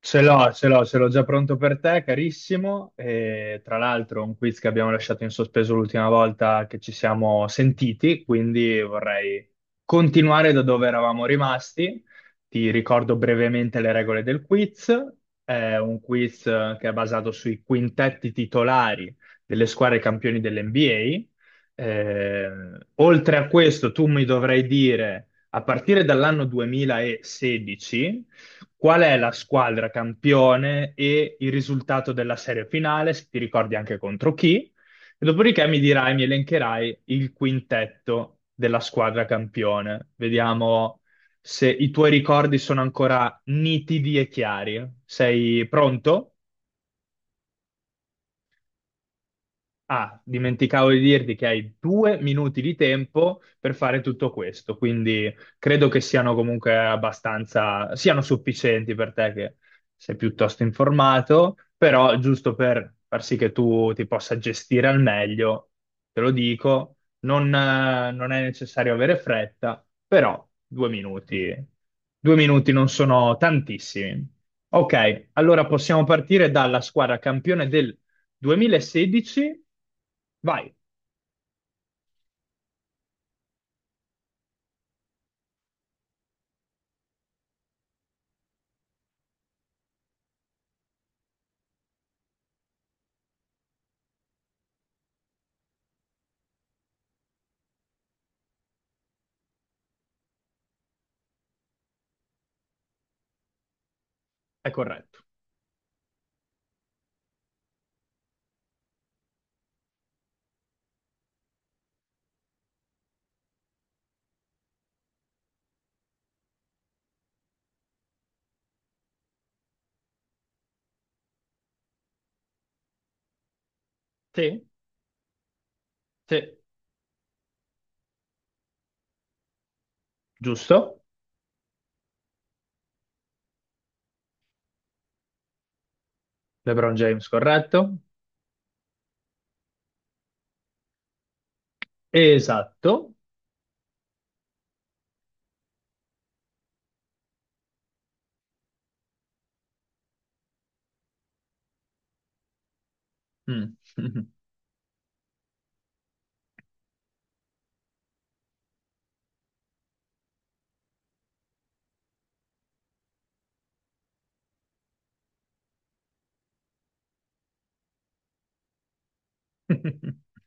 Ce l'ho, ce l'ho, ce l'ho già pronto per te, carissimo. E, tra l'altro, un quiz che abbiamo lasciato in sospeso l'ultima volta che ci siamo sentiti, quindi vorrei continuare da dove eravamo rimasti. Ti ricordo brevemente le regole del quiz. È un quiz che è basato sui quintetti titolari delle squadre campioni dell'NBA. Oltre a questo, tu mi dovrai dire, a partire dall'anno 2016, qual è la squadra campione e il risultato della serie finale, se ti ricordi anche contro chi? E dopodiché mi dirai, mi elencherai il quintetto della squadra campione. Vediamo se i tuoi ricordi sono ancora nitidi e chiari. Sei pronto? Ah, dimenticavo di dirti che hai 2 minuti di tempo per fare tutto questo, quindi credo che siano comunque abbastanza, siano sufficienti per te che sei piuttosto informato, però giusto per far sì che tu ti possa gestire al meglio, te lo dico, non è necessario avere fretta, però 2 minuti, 2 minuti non sono tantissimi. Ok, allora possiamo partire dalla squadra campione del 2016, vai, è corretto. Sì, sì, giusto. LeBron James, corretto. Esatto. Mm.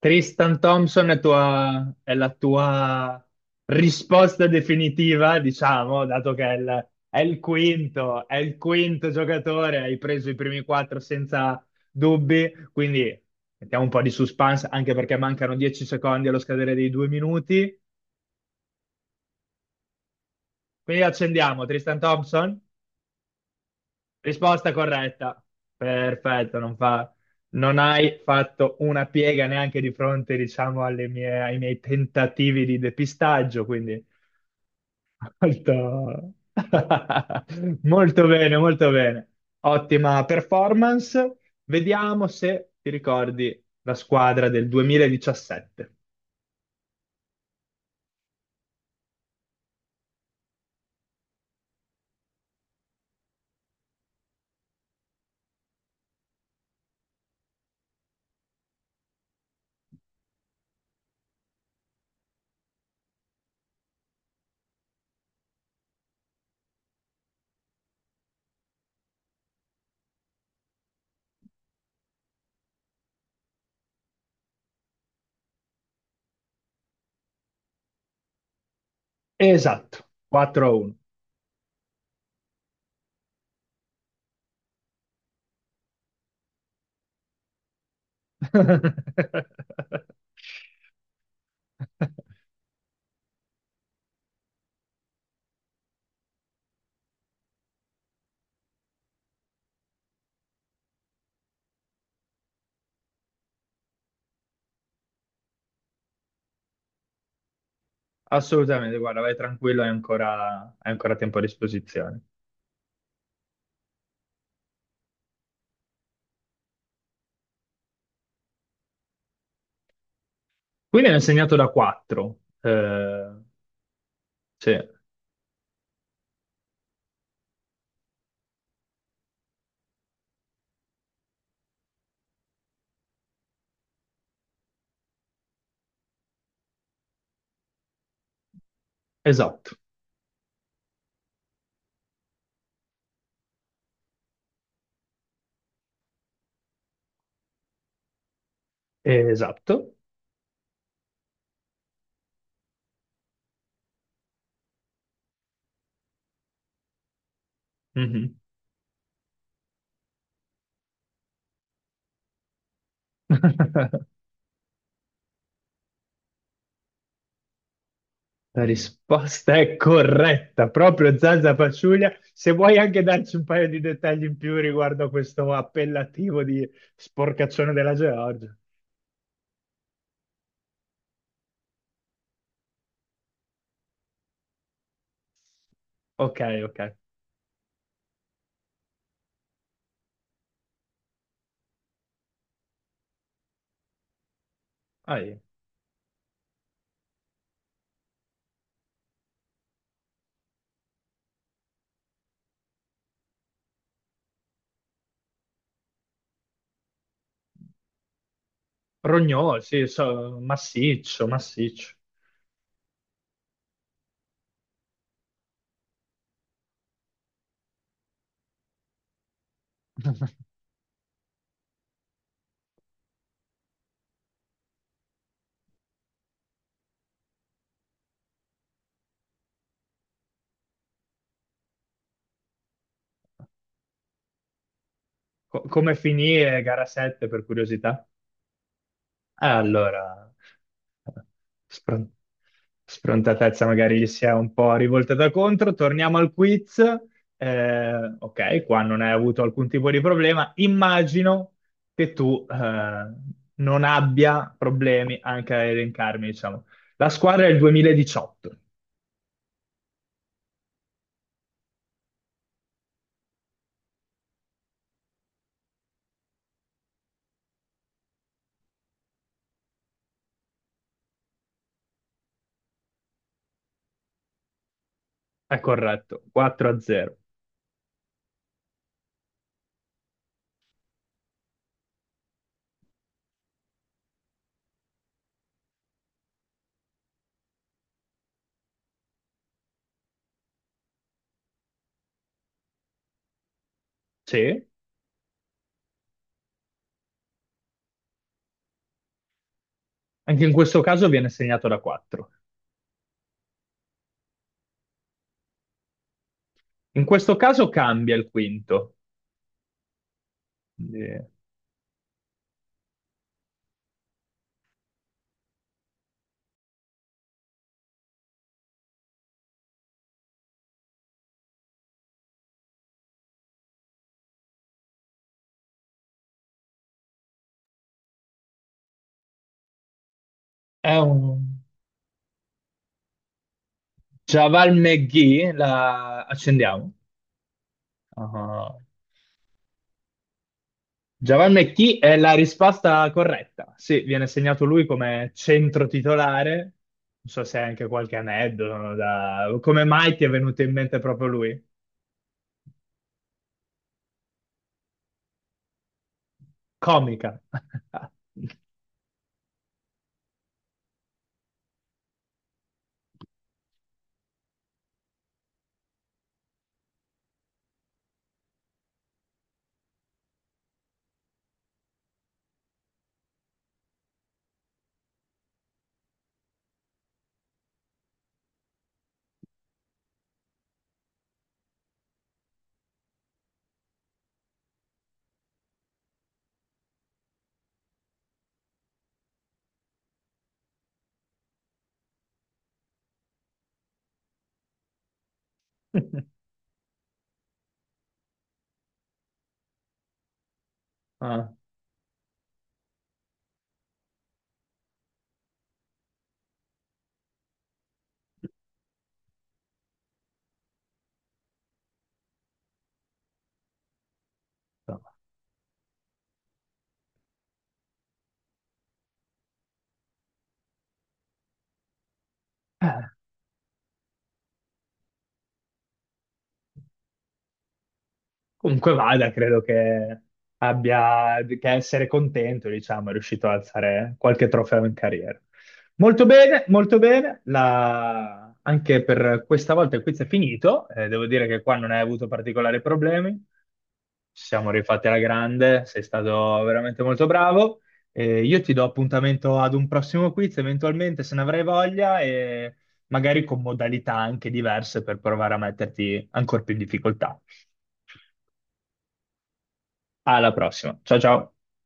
Tristan Thompson è la tua risposta definitiva, diciamo, dato che è il quinto giocatore, hai preso i primi quattro senza dubbi, quindi mettiamo un po' di suspense, anche perché mancano 10 secondi allo scadere dei 2 minuti. Qui accendiamo Tristan Thompson. Risposta corretta. Perfetto, non hai fatto una piega neanche di fronte, diciamo, ai miei tentativi di depistaggio, quindi molto molto bene, molto bene. Ottima performance. Vediamo se ti ricordi la squadra del 2017. Esatto, 4-1. Assolutamente, guarda, vai tranquillo, hai ancora tempo a disposizione. Quindi hanno segnato da 4. Sì, esatto, esatto. Mhm. La risposta è corretta, proprio Zazza Paciuglia. Se vuoi anche darci un paio di dettagli in più riguardo a questo appellativo di sporcaccione della Georgia. Ok, ok. Ah, eh. Rognò, sì, massiccio, massiccio. Come finì gara 7 per curiosità? Allora, spron- sfrontatezza magari gli si è un po' rivoltata contro. Torniamo al quiz. Ok, qua non hai avuto alcun tipo di problema. Immagino che tu non abbia problemi anche a elencarmi, diciamo. La squadra è il 2018, è corretto, 4-0. Sì, anche in questo caso viene segnato da 4. In questo caso cambia il quinto. Quindi È un Javal McGee, la accendiamo. Ah, Javal McGee è la risposta corretta. Sì, viene segnato lui come centro titolare. Non so se hai anche qualche aneddoto Come mai ti è venuto in mente proprio lui? Comica. Ah, insomma. Comunque vada, credo che abbia che essere contento, diciamo, è riuscito ad alzare qualche trofeo in carriera. Molto bene, molto bene. Anche per questa volta il quiz è finito. Devo dire che qua non hai avuto particolari problemi. Ci siamo rifatti alla grande, sei stato veramente molto bravo. Io ti do appuntamento ad un prossimo quiz, eventualmente se ne avrai voglia, e magari con modalità anche diverse per provare a metterti ancora più in difficoltà. Alla prossima. Ciao ciao.